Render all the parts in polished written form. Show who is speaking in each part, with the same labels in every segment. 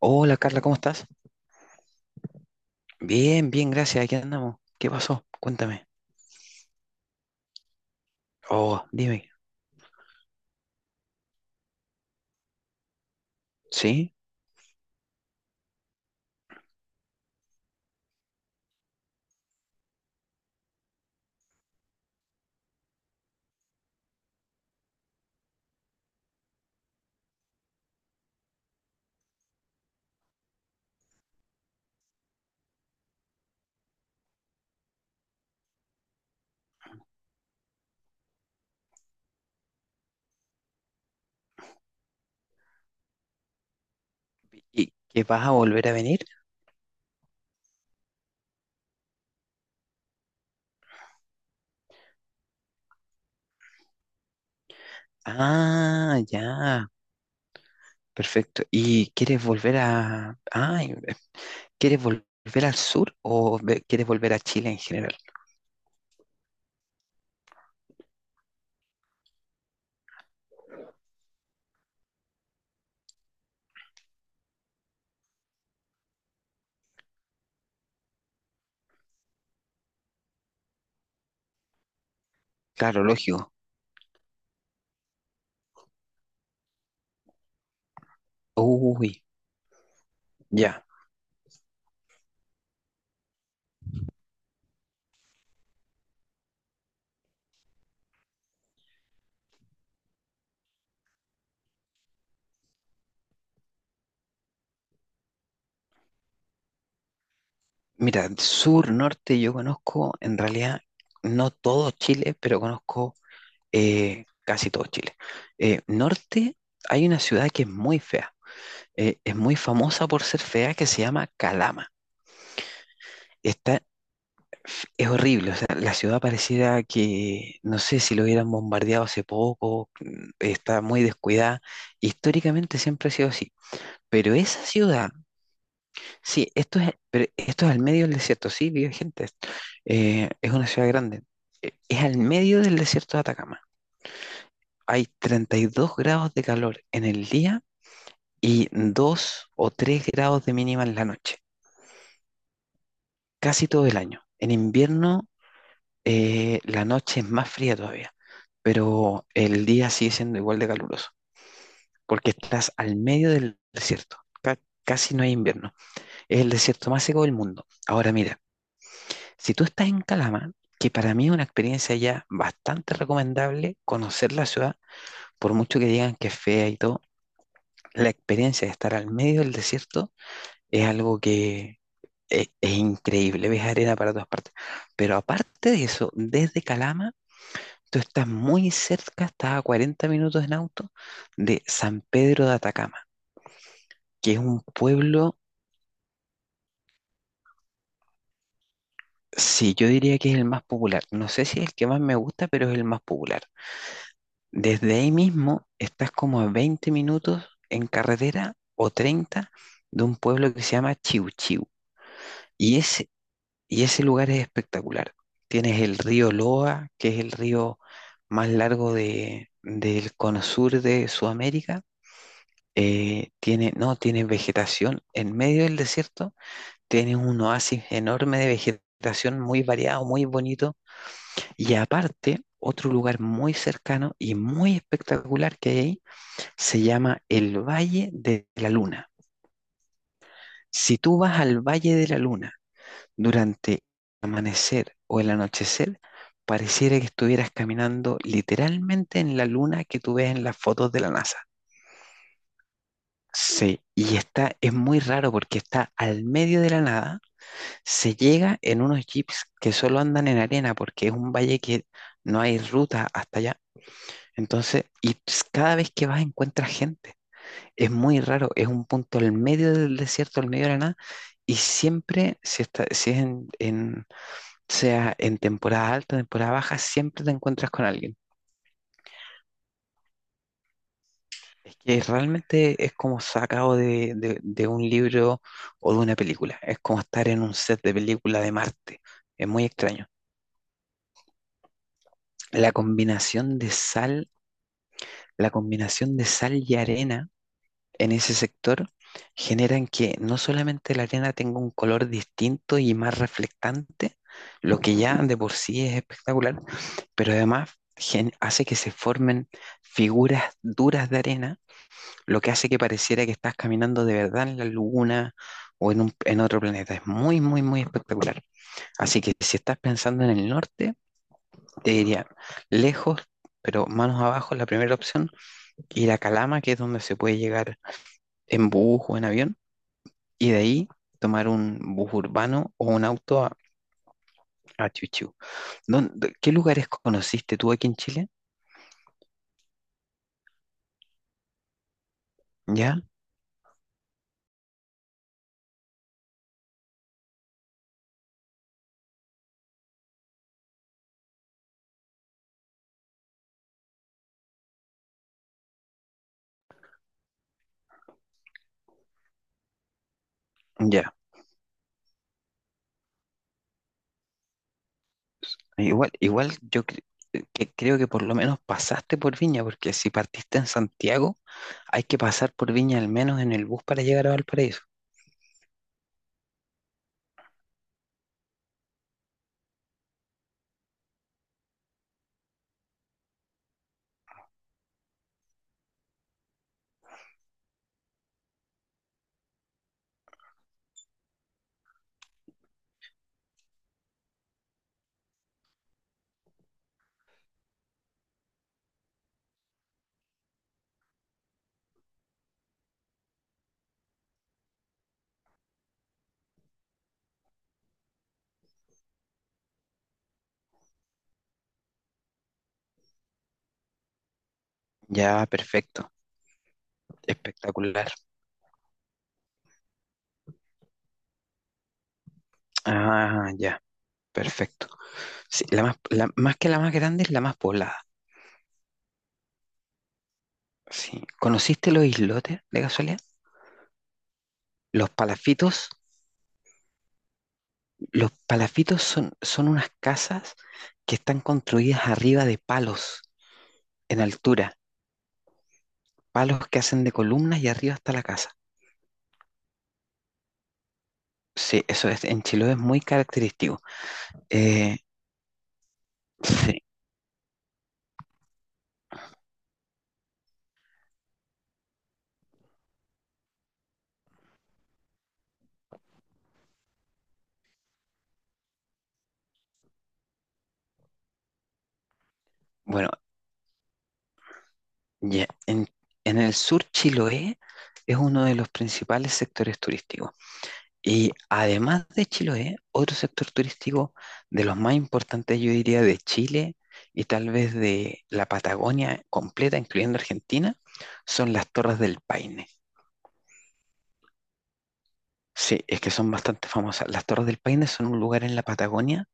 Speaker 1: Hola Carla, ¿cómo estás? Bien, bien, gracias. Aquí andamos. ¿Qué pasó? Cuéntame. Oh, dime. ¿Sí? ¿Y qué vas a volver a venir? Ah, ya. Perfecto. Ah, ¿quieres volver al sur o quieres volver a Chile en general? Claro, lógico. Uy, ya. Mira, sur, norte, yo conozco en realidad no todo Chile, pero conozco casi todo Chile. Norte, hay una ciudad que es muy fea. Es muy famosa por ser fea, que se llama Calama. Está, es horrible, o sea, la ciudad pareciera que, no sé si lo hubieran bombardeado hace poco, está muy descuidada. Históricamente siempre ha sido así. Pero esa ciudad, sí, pero esto es al medio del desierto. Sí, vive gente, es una ciudad grande, es al medio del desierto de Atacama. Hay 32 grados de calor en el día y 2 o 3 grados de mínima en la noche. Casi todo el año. En invierno la noche es más fría todavía, pero el día sigue siendo igual de caluroso, porque estás al medio del desierto. Casi no hay invierno. Es el desierto más seco del mundo. Ahora mira, si tú estás en Calama, que para mí es una experiencia ya bastante recomendable conocer la ciudad, por mucho que digan que es fea y todo, la experiencia de estar al medio del desierto es algo que. Es increíble, ves arena para todas partes. Pero aparte de eso, desde Calama, tú estás muy cerca, estás a 40 minutos en auto de San Pedro de Atacama, que es un pueblo, sí, yo diría que es el más popular. No sé si es el que más me gusta, pero es el más popular. Desde ahí mismo estás como a 20 minutos en carretera o 30 de un pueblo que se llama Chiu Chiu. Y es Y ese lugar es espectacular. Tienes el río Loa, que es el río más largo del cono sur de Sudamérica. Tiene, no, tiene vegetación en medio del desierto. Tienes un oasis enorme de vegetación, muy variado, muy bonito. Y aparte, otro lugar muy cercano y muy espectacular que hay ahí se llama el Valle de la Luna. Si tú vas al Valle de la Luna, durante el amanecer o el anochecer, pareciera que estuvieras caminando literalmente en la luna que tú ves en las fotos de la NASA. Sí, y es muy raro porque está al medio de la nada, se llega en unos jeeps que solo andan en arena porque es un valle que no hay ruta hasta allá. Entonces, y cada vez que vas encuentras gente. Es muy raro, es un punto al medio del desierto, al medio de la nada, y siempre, si, está, si es en sea en temporada alta, temporada baja, siempre te encuentras con alguien. Es que realmente es como sacado de un libro o de una película. Es como estar en un set de película de Marte. Es muy extraño. La combinación de sal, la combinación de sal y arena en ese sector generan que no solamente la arena tenga un color distinto y más reflectante, lo que ya de por sí es espectacular, pero además hace que se formen figuras duras de arena, lo que hace que pareciera que estás caminando de verdad en la luna o en otro planeta. Es muy, muy, muy espectacular. Así que si estás pensando en el norte, te diría lejos, pero manos abajo, la primera opción, ir a Calama, que es donde se puede llegar en bus o en avión, y de ahí tomar un bus urbano o un auto a Chuchú. ¿Qué lugares conociste tú aquí en Chile? ¿Ya? Ya, Igual que creo que por lo menos pasaste por Viña, porque si partiste en Santiago, hay que pasar por Viña al menos en el bus para llegar a Valparaíso. Ya, perfecto. Espectacular. Ah, ya, perfecto. Sí, más que la más grande es la más poblada. Sí. ¿Conociste los islotes de casualidad? Los palafitos, los palafitos son unas casas que están construidas arriba de palos en altura, palos que hacen de columnas y arriba está la casa. Sí, eso es, en Chiloé es muy característico. Eh, sí, bueno, ya, en el sur Chiloé es uno de los principales sectores turísticos. Y además de Chiloé, otro sector turístico de los más importantes, yo diría, de Chile y tal vez de la Patagonia completa, incluyendo Argentina, son las Torres del Paine. Sí, es que son bastante famosas. Las Torres del Paine son un lugar en la Patagonia,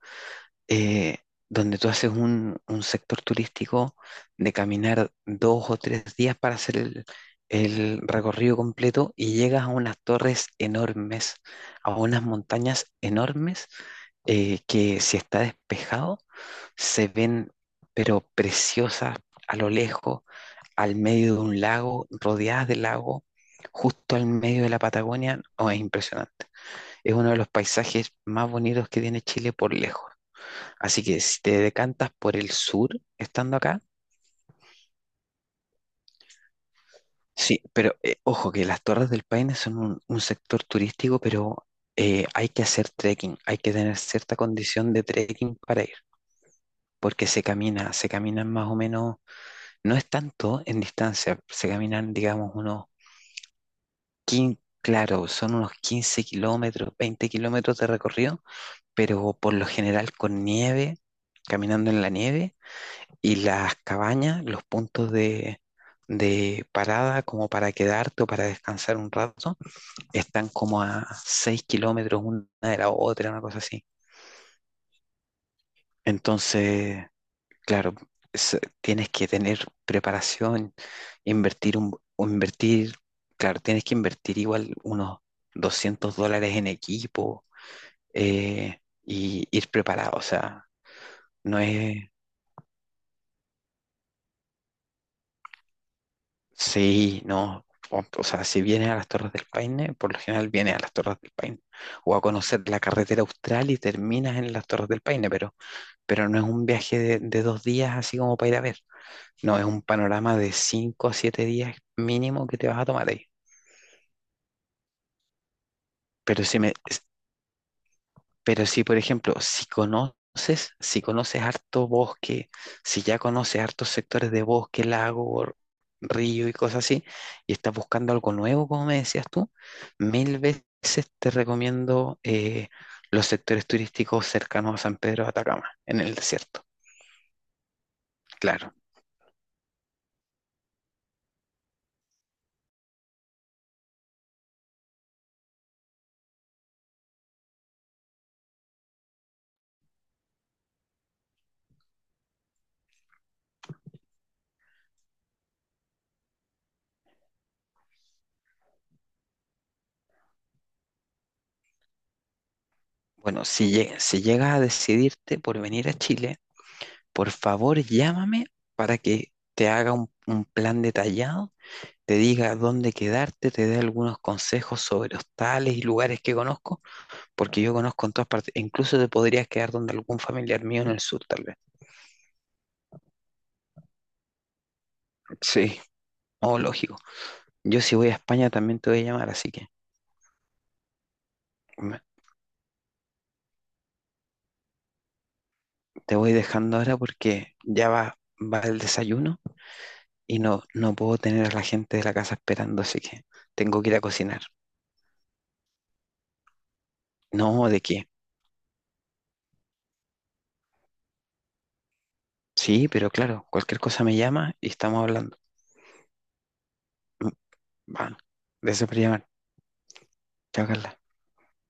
Speaker 1: eh, donde tú haces un sector turístico de caminar 2 o 3 días para hacer el recorrido completo y llegas a unas torres enormes, a unas montañas enormes, que si está despejado se ven pero preciosas a lo lejos, al medio de un lago, rodeadas de lago, justo al medio de la Patagonia. Oh, es impresionante. Es uno de los paisajes más bonitos que tiene Chile por lejos. Así que si te decantas por el sur, estando acá, sí, pero ojo que las Torres del Paine son un sector turístico, pero hay que hacer trekking, hay que tener cierta condición de trekking para ir, porque se camina, se caminan más o menos, no es tanto en distancia, se caminan, digamos, unos 15, claro, son unos 15 kilómetros, 20 kilómetros de recorrido, pero por lo general con nieve, caminando en la nieve. Y las cabañas, los puntos de parada como para quedarte o para descansar un rato, están como a 6 kilómetros una de la otra, una cosa así. Entonces, claro, tienes que tener preparación, invertir o invertir, claro, tienes que invertir igual unos 200 dólares en equipo, y ir preparado, o sea, no es, sí, no. O sea, si vienes a las Torres del Paine, por lo general viene a las Torres del Paine. O a conocer la carretera austral y terminas en las Torres del Paine, pero no es un viaje de 2 días así como para ir a ver. No, es un panorama de 5 a 7 días mínimo que te vas a tomar ahí. Pero si me, Pero si, por ejemplo, si conoces harto bosque, si ya conoces hartos sectores de bosque, lago, río y cosas así, y estás buscando algo nuevo, como me decías tú, mil veces te recomiendo los sectores turísticos cercanos a San Pedro de Atacama, en el desierto. Claro. Bueno, si llegas a decidirte por venir a Chile, por favor llámame para que te haga un plan detallado, te diga dónde quedarte, te dé algunos consejos sobre hostales y lugares que conozco, porque yo conozco en todas partes, e incluso te podrías quedar donde algún familiar mío en el sur, tal vez. Sí, oh, lógico. Yo si voy a España también te voy a llamar, así que me- te voy dejando ahora porque ya va el desayuno y no, no puedo tener a la gente de la casa esperando, así que tengo que ir a cocinar. No, ¿de qué? Sí, pero claro, cualquier cosa me llama y estamos hablando. Mm, Bueno, gracias por llamar. Chao, Carla.